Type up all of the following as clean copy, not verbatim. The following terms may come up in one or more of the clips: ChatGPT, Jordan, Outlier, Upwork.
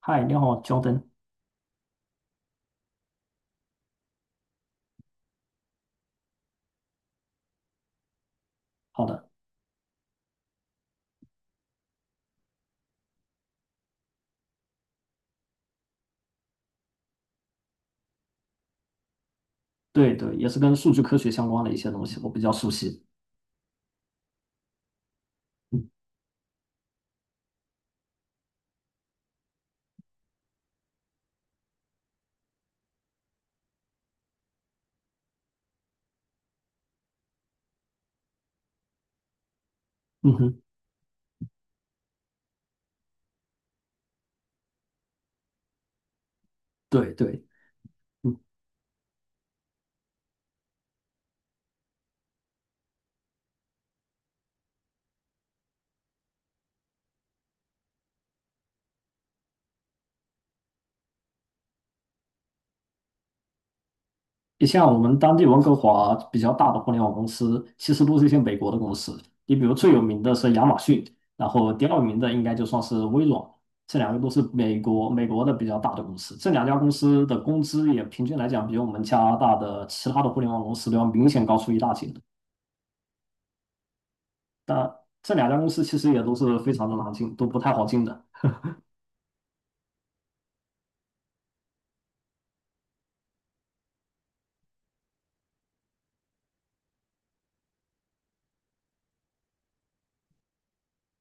嗨，你好，Jordan。好的，对对，也是跟数据科学相关的一些东西，我比较熟悉。嗯嗯哼，对对，嗯，你像我们当地温哥华比较大的互联网公司，其实都是一些美国的公司。你比如最有名的是亚马逊，然后第2名的应该就算是微软，这两个都是美国的比较大的公司。这两家公司的工资也平均来讲，比我们加拿大的其他的互联网公司都要明显高出一大截的。这两家公司其实也都是非常的难进，都不太好进的。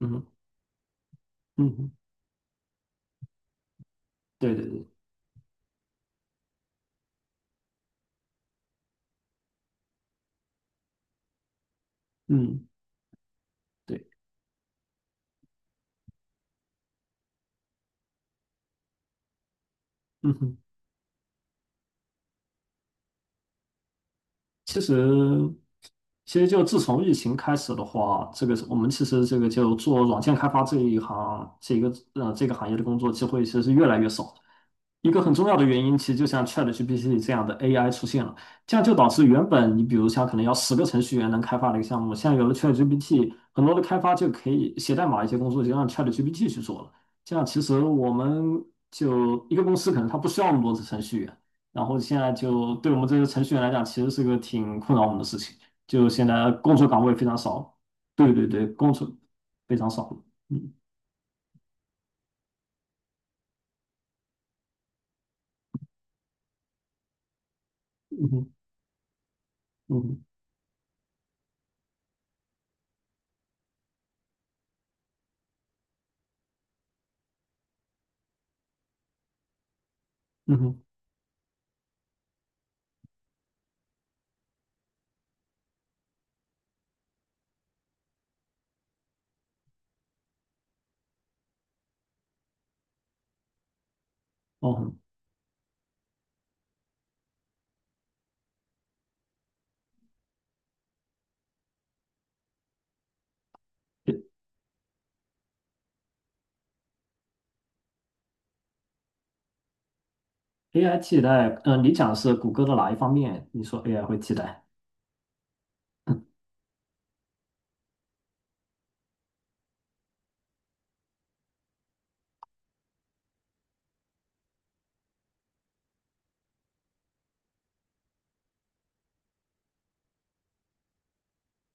嗯哼。嗯哼。对对对。嗯，对。嗯哼。其实其实就自从疫情开始的话，这个是我们其实这个就做软件开发这一行，这个这个行业的工作机会其实是越来越少的。一个很重要的原因，其实就像 ChatGPT 这样的 AI 出现了，这样就导致原本你比如像可能要10个程序员能开发的一个项目，现在有了 ChatGPT，很多的开发就可以写代码一些工作就让 ChatGPT 去做了。这样其实我们就一个公司可能它不需要那么多的程序员，然后现在就对我们这些程序员来讲，其实是个挺困扰我们的事情。就现在工作岗位非常少，对对对，工作非常少。嗯嗯哼。嗯哼。嗯哼。哦。AI 替代，你讲的是谷歌的哪一方面？你说 AI 会替代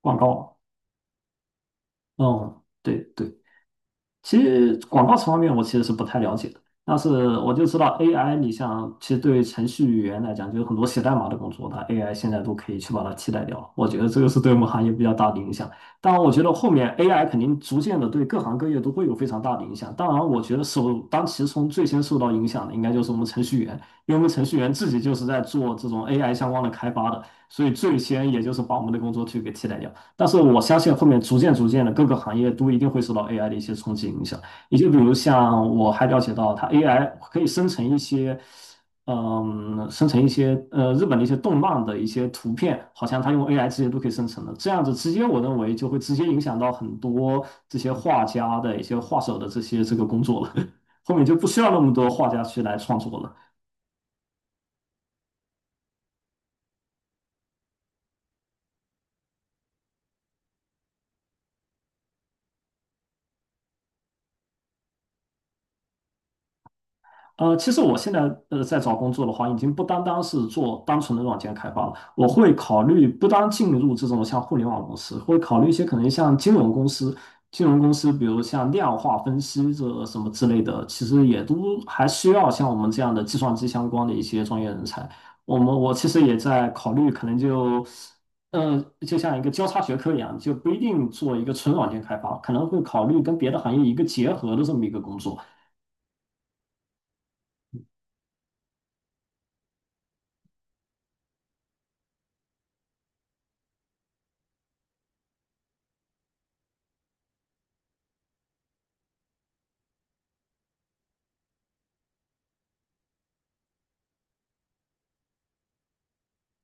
广告？嗯，对对，其实广告词方面我其实是不太了解的，但是我就知道 AI，你像其实对程序员来讲，就有很多写代码的工作，它 AI 现在都可以去把它替代掉。我觉得这个是对我们行业比较大的影响。当然，我觉得后面 AI 肯定逐渐的对各行各业都会有非常大的影响。当然，我觉得首当其冲最先受到影响的应该就是我们程序员，因为我们程序员自己就是在做这种 AI 相关的开发的，所以最先也就是把我们的工作去给替代掉。但是我相信后面逐渐逐渐的各个行业都一定会受到 AI 的一些冲击影响。你就比如像我还了解到，它 AI 可以生成一些，嗯，生成一些日本的一些动漫的一些图片，好像它用 AI 直接都可以生成的。这样子直接我认为就会直接影响到很多这些画家的一些画手的这些这个工作了。后面就不需要那么多画家去来创作了。其实我现在在找工作的话，已经不单单是做单纯的软件开发了，我会考虑不单进入这种像互联网公司，会考虑一些可能像金融公司，金融公司比如像量化分析这什么之类的，其实也都还需要像我们这样的计算机相关的一些专业人才。我其实也在考虑，可能就呃就像一个交叉学科一样，就不一定做一个纯软件开发，可能会考虑跟别的行业一个结合的这么一个工作。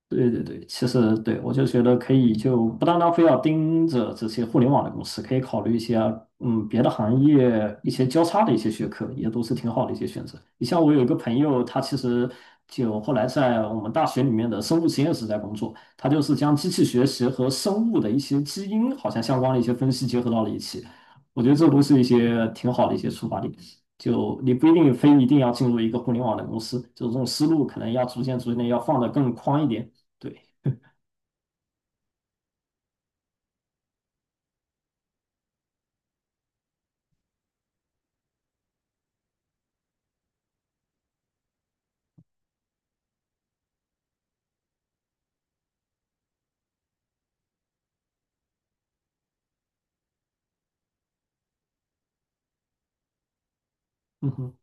对对对，其实对我就觉得可以，就不单单非要盯着这些互联网的公司，可以考虑一些别的行业一些交叉的一些学科，也都是挺好的一些选择。你像我有一个朋友，他其实就后来在我们大学里面的生物实验室在工作，他就是将机器学习和生物的一些基因好像相关的一些分析结合到了一起，我觉得这都是一些挺好的一些出发点。就你不一定非一定要进入一个互联网的公司，就这种思路可能要逐渐逐渐地要放得更宽一点。对，嗯哼，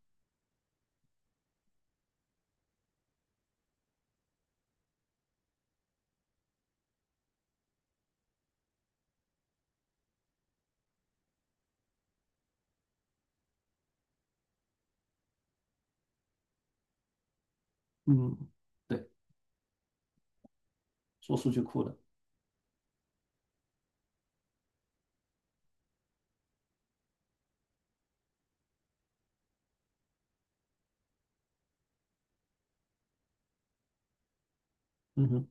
嗯，对，做数据库的，嗯哼。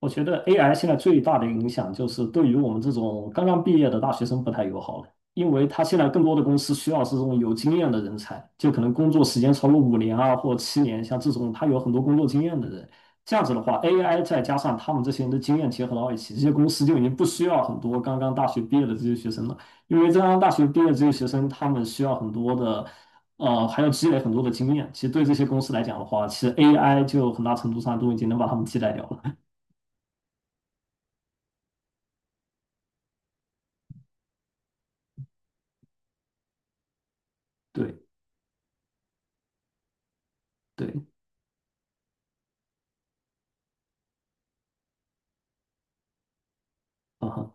我觉得 AI 现在最大的影响就是对于我们这种刚刚毕业的大学生不太友好了，因为他现在更多的公司需要是这种有经验的人才，就可能工作时间超过5年啊或7年，像这种他有很多工作经验的人。这样子的话，AI 再加上他们这些人的经验结合到一起，这些公司就已经不需要很多刚刚大学毕业的这些学生了，因为刚刚大学毕业的这些学生，他们需要很多的。还要积累很多的经验，其实对这些公司来讲的话，其实 AI 就很大程度上都已经能把他们替代掉了。对。对，嗯哼。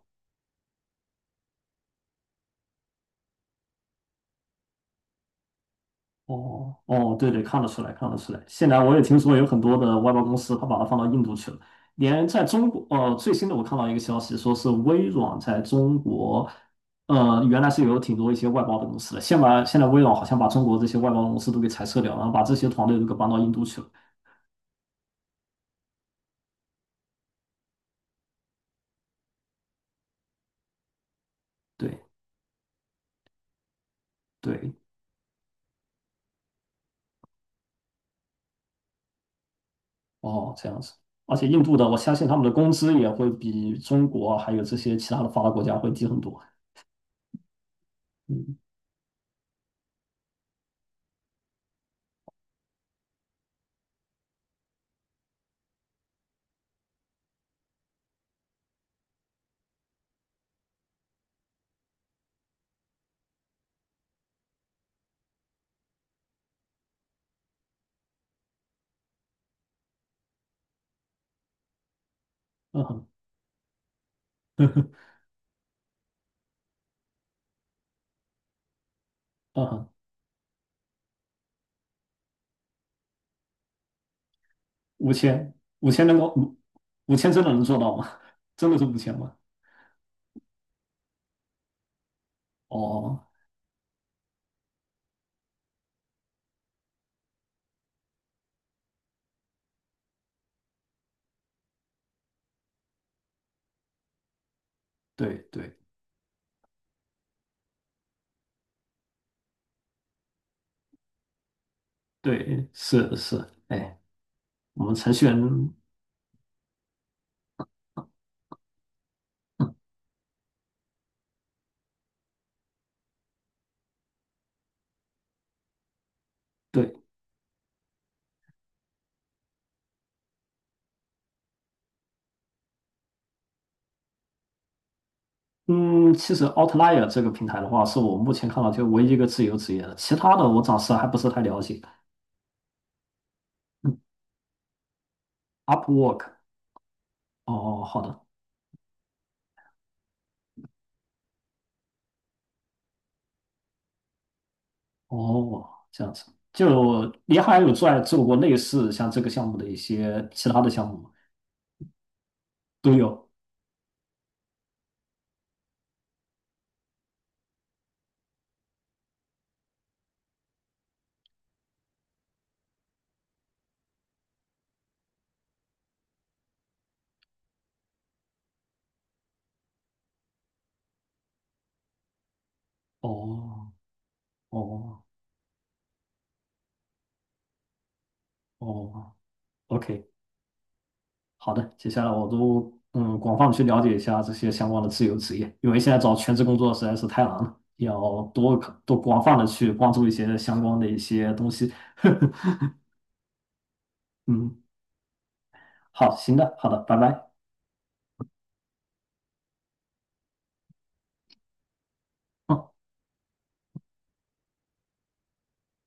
哦哦，对对，看得出来，看得出来。现在我也听说有很多的外包公司，他把它放到印度去了。连在中国，最新的我看到一个消息，说是微软在中国，原来是有挺多一些外包的公司的，现在微软好像把中国这些外包公司都给裁撤掉，然后把这些团队都给搬到印度去了。对对，哦，这样子。而且印度的，我相信他们的工资也会比中国还有这些其他的发达国家会低很多。嗯嗯哼。嗯哼。五千，五千能够五五千真的能做到吗？真的是5000吗？哦，对对对，是是，哎，我们程序员对，嗯，其实 Outlier 这个平台的话，是我目前看到就唯一一个自由职业的，其他的我暂时还不是太了解。嗯，Upwork，哦，好的，哦，这样子，就你还有在做过类似像这个项目的一些其他的项目吗？都有，哦哦哦，OK。好的，接下来我都广泛地去了解一下这些相关的自由职业，因为现在找全职工作实在是太难了，要多广泛的去关注一些相关的一些东西。嗯，好，行的，好的，拜拜。嗯。